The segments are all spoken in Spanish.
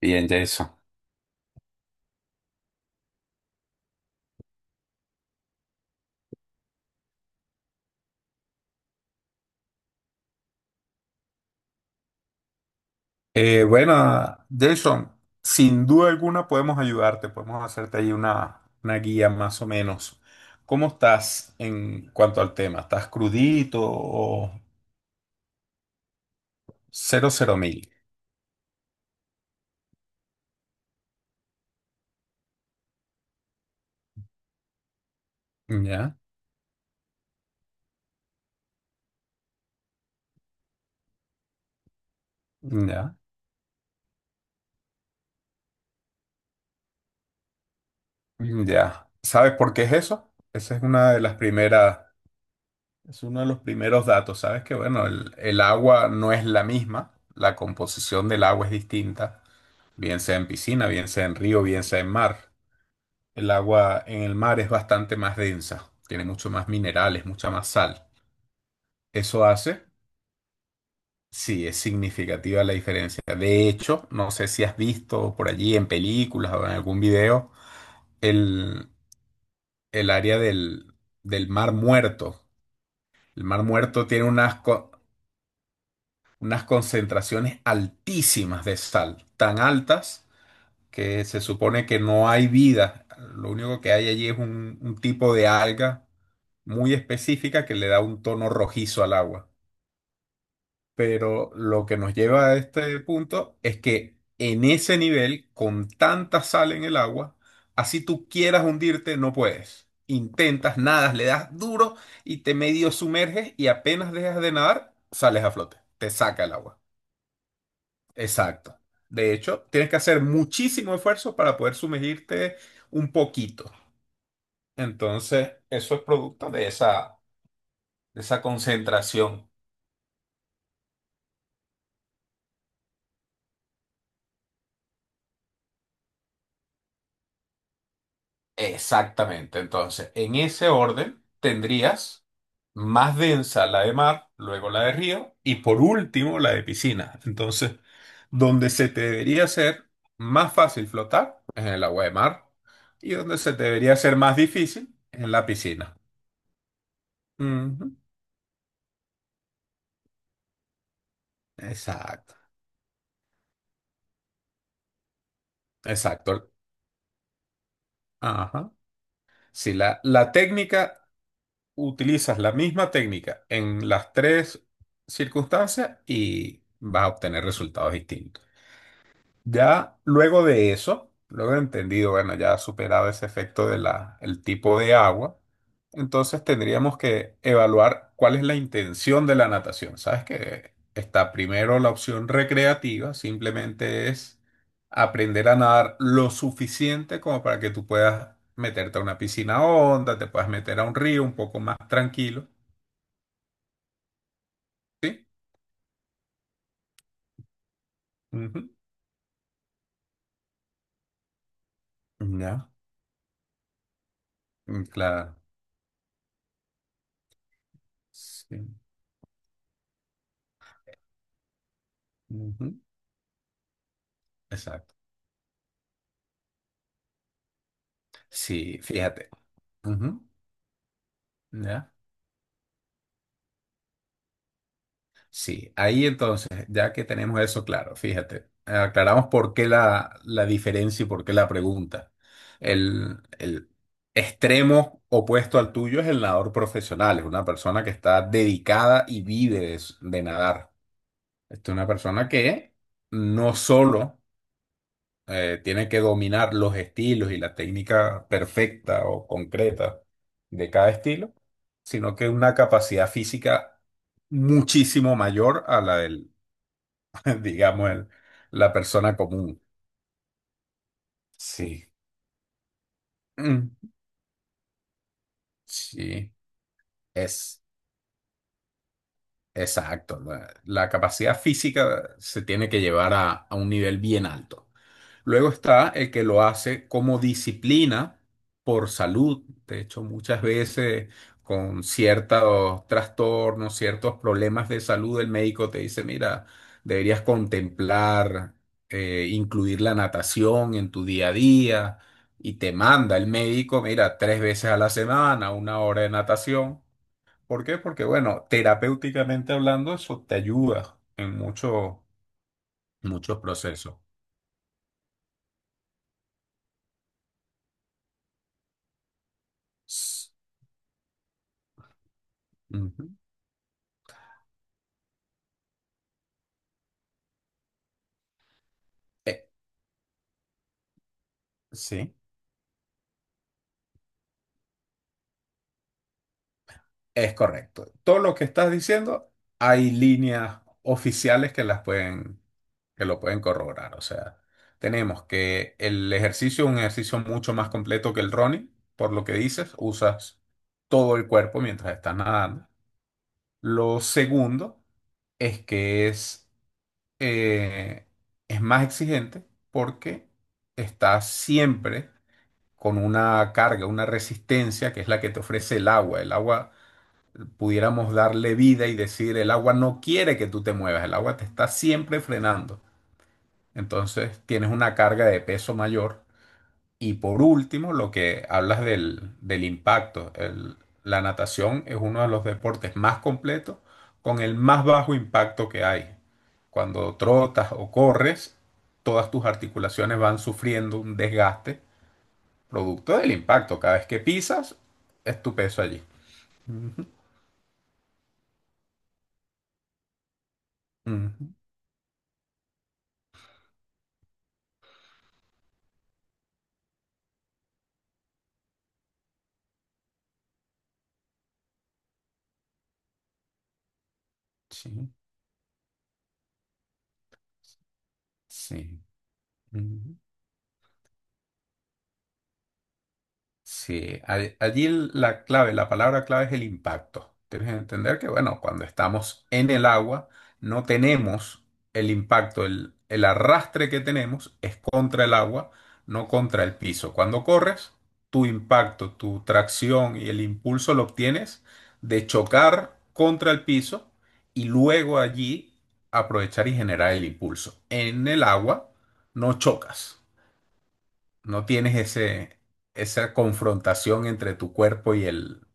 Bien, Jason. Bueno, Jason, sin duda alguna podemos ayudarte, podemos hacerte ahí una guía más o menos. ¿Cómo estás en cuanto al tema? ¿Estás crudito o cero cero mil? Ya, ya, ya. ¿Sabes por qué es eso? Esa es una de las primeras, es uno de los primeros datos. Sabes que, bueno, el agua no es la misma, la composición del agua es distinta, bien sea en piscina, bien sea en río, bien sea en mar. El agua en el mar es bastante más densa, tiene mucho más minerales, mucha más sal. Eso hace, sí, es significativa la diferencia. De hecho, no sé si has visto por allí en películas o en algún video el, el área del Mar Muerto. El Mar Muerto tiene unas concentraciones altísimas de sal, tan altas que se supone que no hay vida. Lo único que hay allí es un tipo de alga muy específica que le da un tono rojizo al agua. Pero lo que nos lleva a este punto es que en ese nivel, con tanta sal en el agua, así tú quieras hundirte, no puedes. Intentas, nadas, le das duro y te medio sumerges y apenas dejas de nadar, sales a flote. Te saca el agua. Exacto. De hecho, tienes que hacer muchísimo esfuerzo para poder sumergirte un poquito. Entonces, eso es producto de esa concentración. Exactamente. Entonces, en ese orden tendrías más densa la de mar, luego la de río y por último la de piscina. Entonces, donde se te debería hacer más fácil flotar es en el agua de mar y donde se te debería hacer más difícil en la piscina. Ujú. Exacto, exacto. Ajá. Si la técnica, utilizas la misma técnica en las tres circunstancias y vas a obtener resultados distintos. Ya luego de eso, luego de entendido, bueno, ya superado ese efecto de la, el tipo de agua, entonces tendríamos que evaluar cuál es la intención de la natación. Sabes que está primero la opción recreativa, simplemente es aprender a nadar lo suficiente como para que tú puedas meterte a una piscina honda, te puedas meter a un río un poco más tranquilo, ¿sí? Ujú. Ya, mm, claro. Sí. Ujú. Exacto. Sí, fíjate. Ujú. ¿Ya? Sí, ahí entonces, ya que tenemos eso claro, fíjate, aclaramos por qué la diferencia y por qué la pregunta. El extremo opuesto al tuyo es el nadador profesional, es una persona que está dedicada y vive de nadar. Esta es una persona que no solo tiene que dominar los estilos y la técnica perfecta o concreta de cada estilo, sino que una capacidad física muchísimo mayor a la del, digamos, la persona común. Sí. Mm, sí, es. Exacto, la capacidad física se tiene que llevar a un nivel bien alto. Luego está el que lo hace como disciplina por salud. De hecho, muchas veces con ciertos trastornos, ciertos problemas de salud, el médico te dice, mira, deberías contemplar, incluir la natación en tu día a día y te manda el médico, mira, 3 veces a la semana, 1 hora de natación. ¿Por qué? Porque, bueno, terapéuticamente hablando, eso te ayuda en muchos procesos. S- Ujú. Eh, sí, es correcto. Todo lo que estás diciendo, hay líneas oficiales que las pueden, que lo pueden corroborar. O sea, tenemos que el ejercicio es un ejercicio mucho más completo que el running, por lo que dices, usas todo el cuerpo mientras estás nadando. Lo segundo es que eh, es más exigente porque estás siempre con una carga, una resistencia que es la que te ofrece el agua. El agua pudiéramos darle vida y decir, el agua no quiere que tú te muevas, el agua te está siempre frenando. Entonces tienes una carga de peso mayor y por último, lo que hablas del impacto. La natación es uno de los deportes más completos con el más bajo impacto que hay. Cuando trotas o corres, todas tus articulaciones van sufriendo un desgaste producto del impacto. Cada vez que pisas, es tu peso allí. Ujú, ujú. Sí, sí. Ujú. Sí, allí la clave, la palabra clave es el impacto. Tienes que entender que, bueno, cuando estamos en el agua, no tenemos el impacto, el arrastre que tenemos es contra el agua, no contra el piso. Cuando corres, tu impacto, tu tracción y el impulso lo obtienes de chocar contra el piso y luego allí aprovechar y generar el impulso. En el agua no chocas. No tienes ese, esa confrontación entre tu cuerpo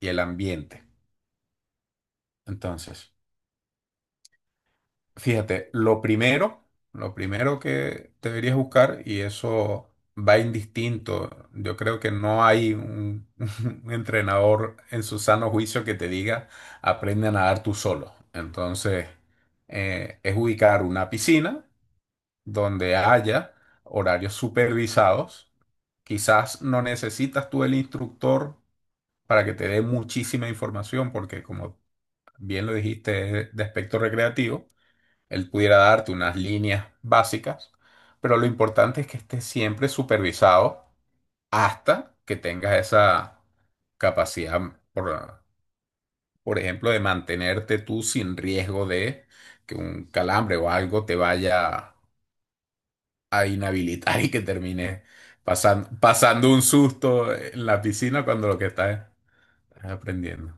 y el ambiente. Entonces, fíjate, lo primero que deberías buscar, y eso va indistinto, yo creo que no hay un, un entrenador en su sano juicio que te diga, aprende a nadar tú solo. Entonces, es ubicar una piscina donde haya horarios supervisados. Quizás no necesitas tú el instructor para que te dé muchísima información, porque como bien lo dijiste, es de aspecto recreativo, él pudiera darte unas líneas básicas, pero lo importante es que estés siempre supervisado hasta que tengas esa capacidad, por, por ejemplo, de mantenerte tú sin riesgo de que un calambre o algo te vaya a inhabilitar y que termines pasando un susto en la piscina cuando lo que estás estás aprendiendo.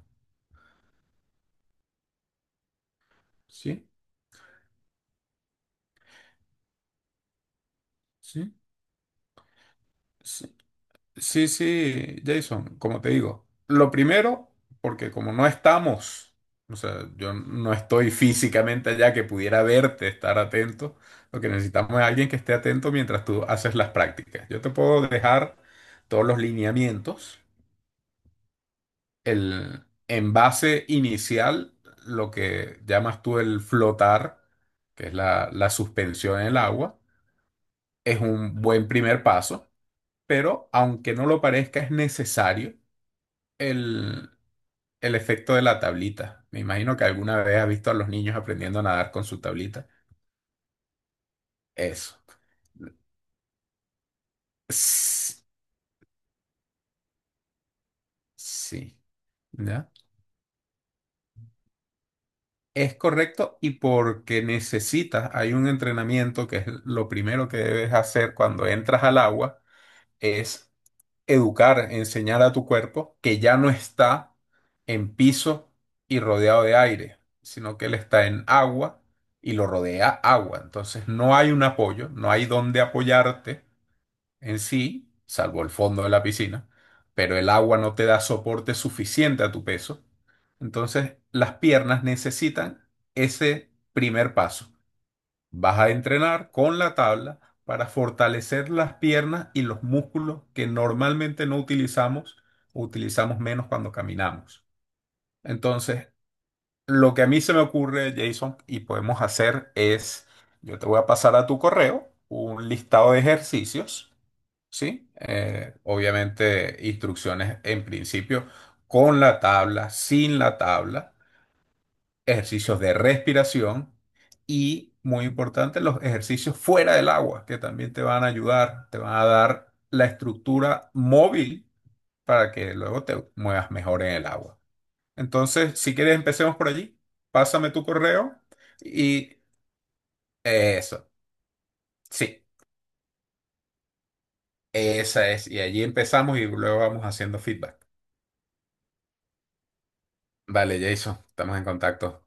¿Sí? ¿Sí? Sí, sí, sí, Jason, como te digo, lo primero, porque como no estamos, o sea, yo no estoy físicamente allá que pudiera verte, estar atento, lo que necesitamos es alguien que esté atento mientras tú haces las prácticas. Yo te puedo dejar todos los lineamientos, el envase inicial, lo que llamas tú el flotar, que es la suspensión en el agua, es un buen primer paso, pero aunque no lo parezca, es necesario el, el efecto de la tablita. Me imagino que alguna vez has visto a los niños aprendiendo a nadar con su tablita. Eso. S- Sí. ¿Ya? Es correcto y porque necesitas, hay un entrenamiento que es lo primero que debes hacer cuando entras al agua, es educar, enseñar a tu cuerpo que ya no está en piso y rodeado de aire, sino que él está en agua y lo rodea agua. Entonces no hay un apoyo, no hay dónde apoyarte en sí, salvo el fondo de la piscina, pero el agua no te da soporte suficiente a tu peso. Entonces las piernas necesitan ese primer paso. Vas a entrenar con la tabla para fortalecer las piernas y los músculos que normalmente no utilizamos o utilizamos menos cuando caminamos. Entonces, lo que a mí se me ocurre, Jason, y podemos hacer es, yo te voy a pasar a tu correo un listado de ejercicios, ¿sí? Obviamente, instrucciones en principio con la tabla, sin la tabla ejercicios de respiración y, muy importante, los ejercicios fuera del agua, que también te van a ayudar, te van a dar la estructura móvil para que luego te muevas mejor en el agua. Entonces, si quieres, empecemos por allí. Pásame tu correo y eso, sí, esa es. Y allí empezamos y luego vamos haciendo feedback. Vale, Jason, estamos en contacto.